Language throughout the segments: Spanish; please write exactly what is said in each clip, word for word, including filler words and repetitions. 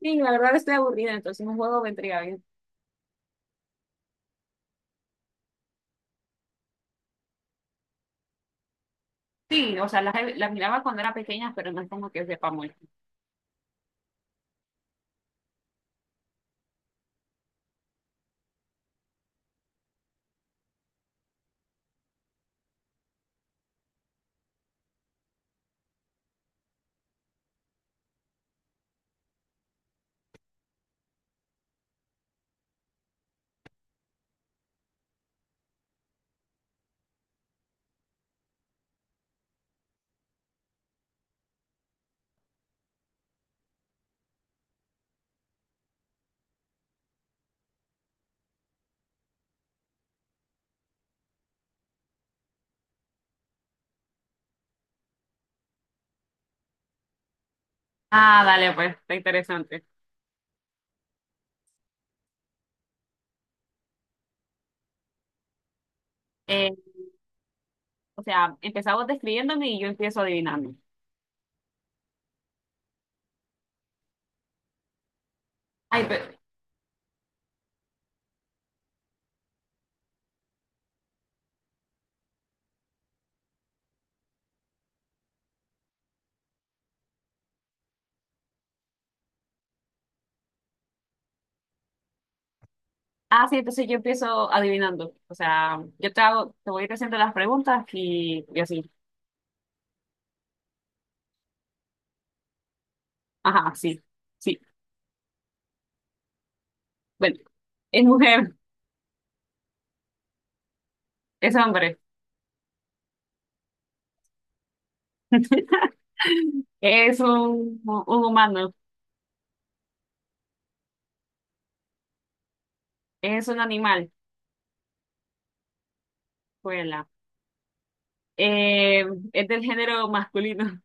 Sí, la verdad estoy aburrida, entonces un juego vendría bien. Sí, o sea, las, he- las miraba cuando era pequeña, pero no es como que sepa mucho. Ah, dale, pues, está interesante. Eh, o sea, empezamos describiéndome y yo empiezo adivinando. Ay, pero, ah, sí, entonces yo empiezo adivinando. O sea, yo te hago, te voy a ir haciendo las preguntas y, y así. Ajá, sí, sí. Bueno, es mujer, es hombre, es un, un humano, es un animal, vuela. Eh, es del género masculino.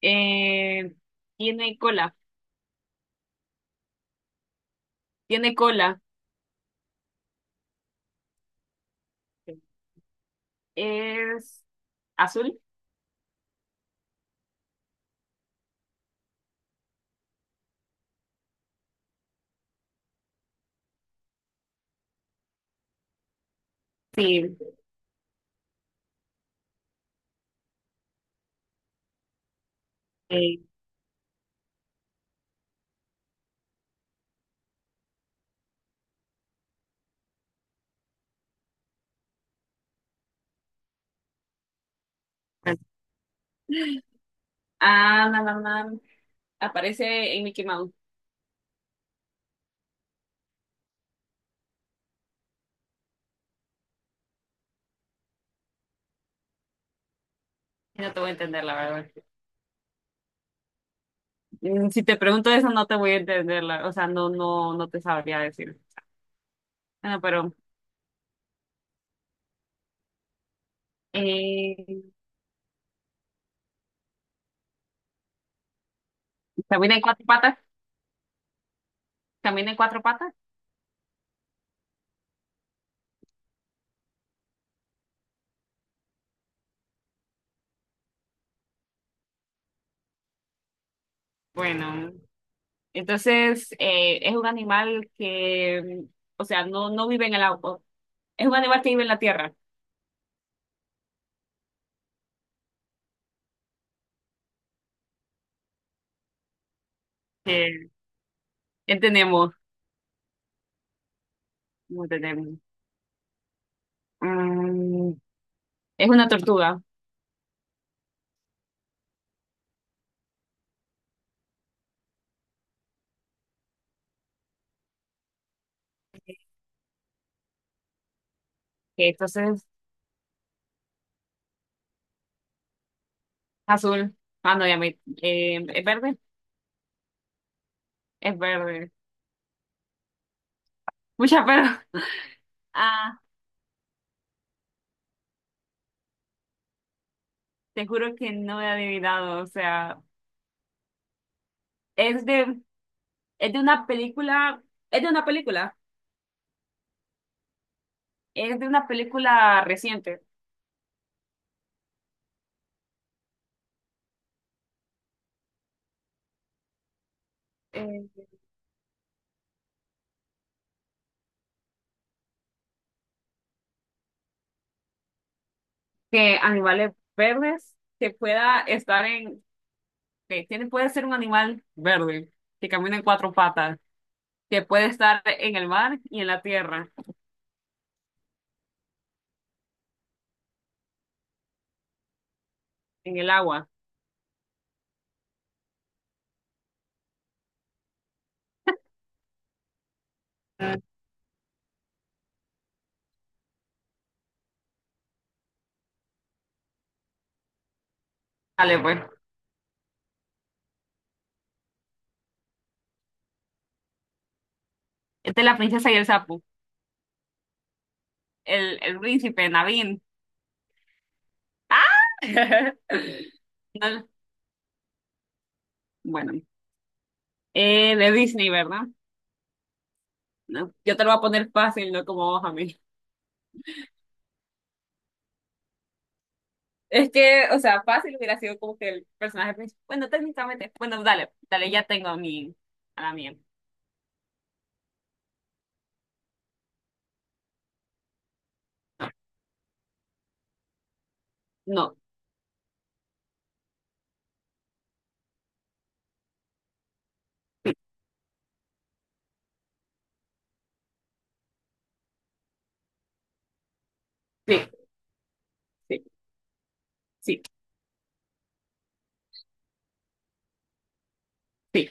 Eh, Tiene cola. Tiene cola. ¿Es azul? Sí. Eh, ah, no, no, no. Aparece en Mickey Mouse. No te voy a entender, la verdad. Mm, si te pregunto eso, no te voy a entender. la- O sea, no, no, no te sabría decir. Bueno, pero eh, ¿camina en cuatro patas? ¿Camina en cuatro patas? Bueno, entonces eh, es un animal que, o sea, no, no vive en el agua. Es un animal que vive en la Tierra. Eh, entendemos, no entendemos. Mm, es una tortuga, que entonces azul. Ah, no, ya me... eh, ¿es verde? Es verde. Mucha pero... Ah, te juro que no he adivinado, o sea, es de, es de una película, es de una película, es de una película reciente, eh, que animales verdes que pueda estar en, que tiene, puede ser un animal verde, que camina en cuatro patas, que puede estar en el mar y en la tierra, en el agua. Dale, pues. Esta es la princesa y el sapo. El, el príncipe, Naveen. ¡Ah! No, bueno, eh, de Disney, ¿verdad? No, yo te lo voy a poner fácil, no como vos a mí. Es que, o sea, fácil hubiera sido como que el personaje principal. Bueno, técnicamente. Bueno, dale, dale, ya tengo a mi, a la mía. No, sí, sí, sí, sí,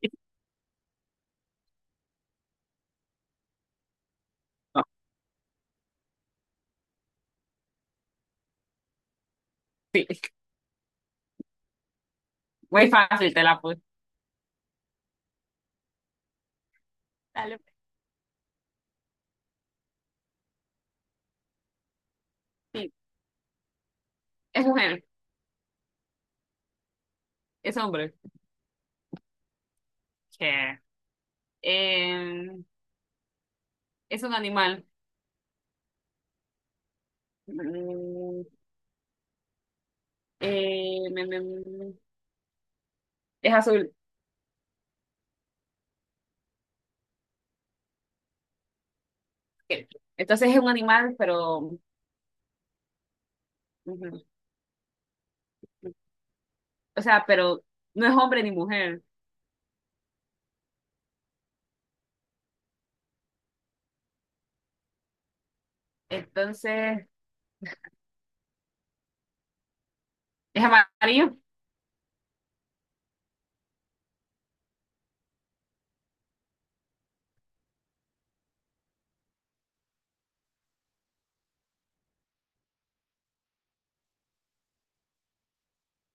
sí. No, sí. Muy fácil te la puse. Dale, sí. Es mujer, es hombre. Che. Eh, es un animal. Mm, eh, me- me- me- es azul. Ok. Entonces es un animal, pero... ujú. O sea, pero no es hombre ni mujer. Entonces, ¿es amarillo?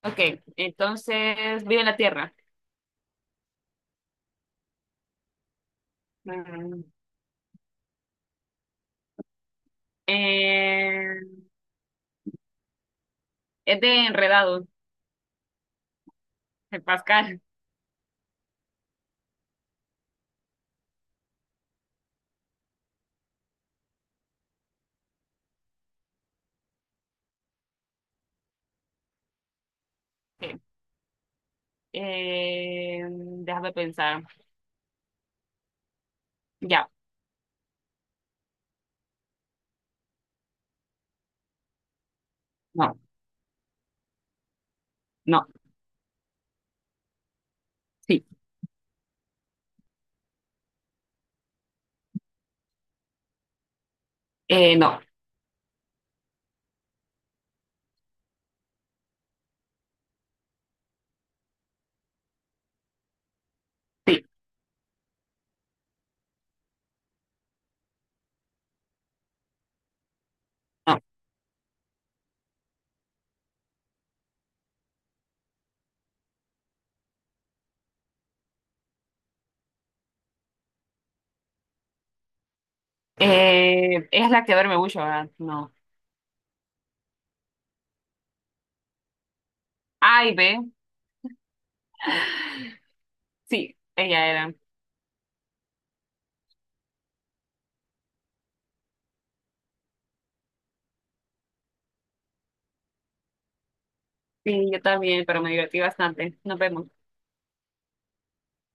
Ok. Entonces, vive en la tierra. Mm, eh, es de enredados de Pascal. Ok. Eh, déjame pensar. Ya. No, no, sí. Eh, no, sí. No. Eh, es la que duerme mucho, ¿verdad? No. A y B. Sí, ella era. Sí, yo también, pero me divertí bastante. Nos vemos.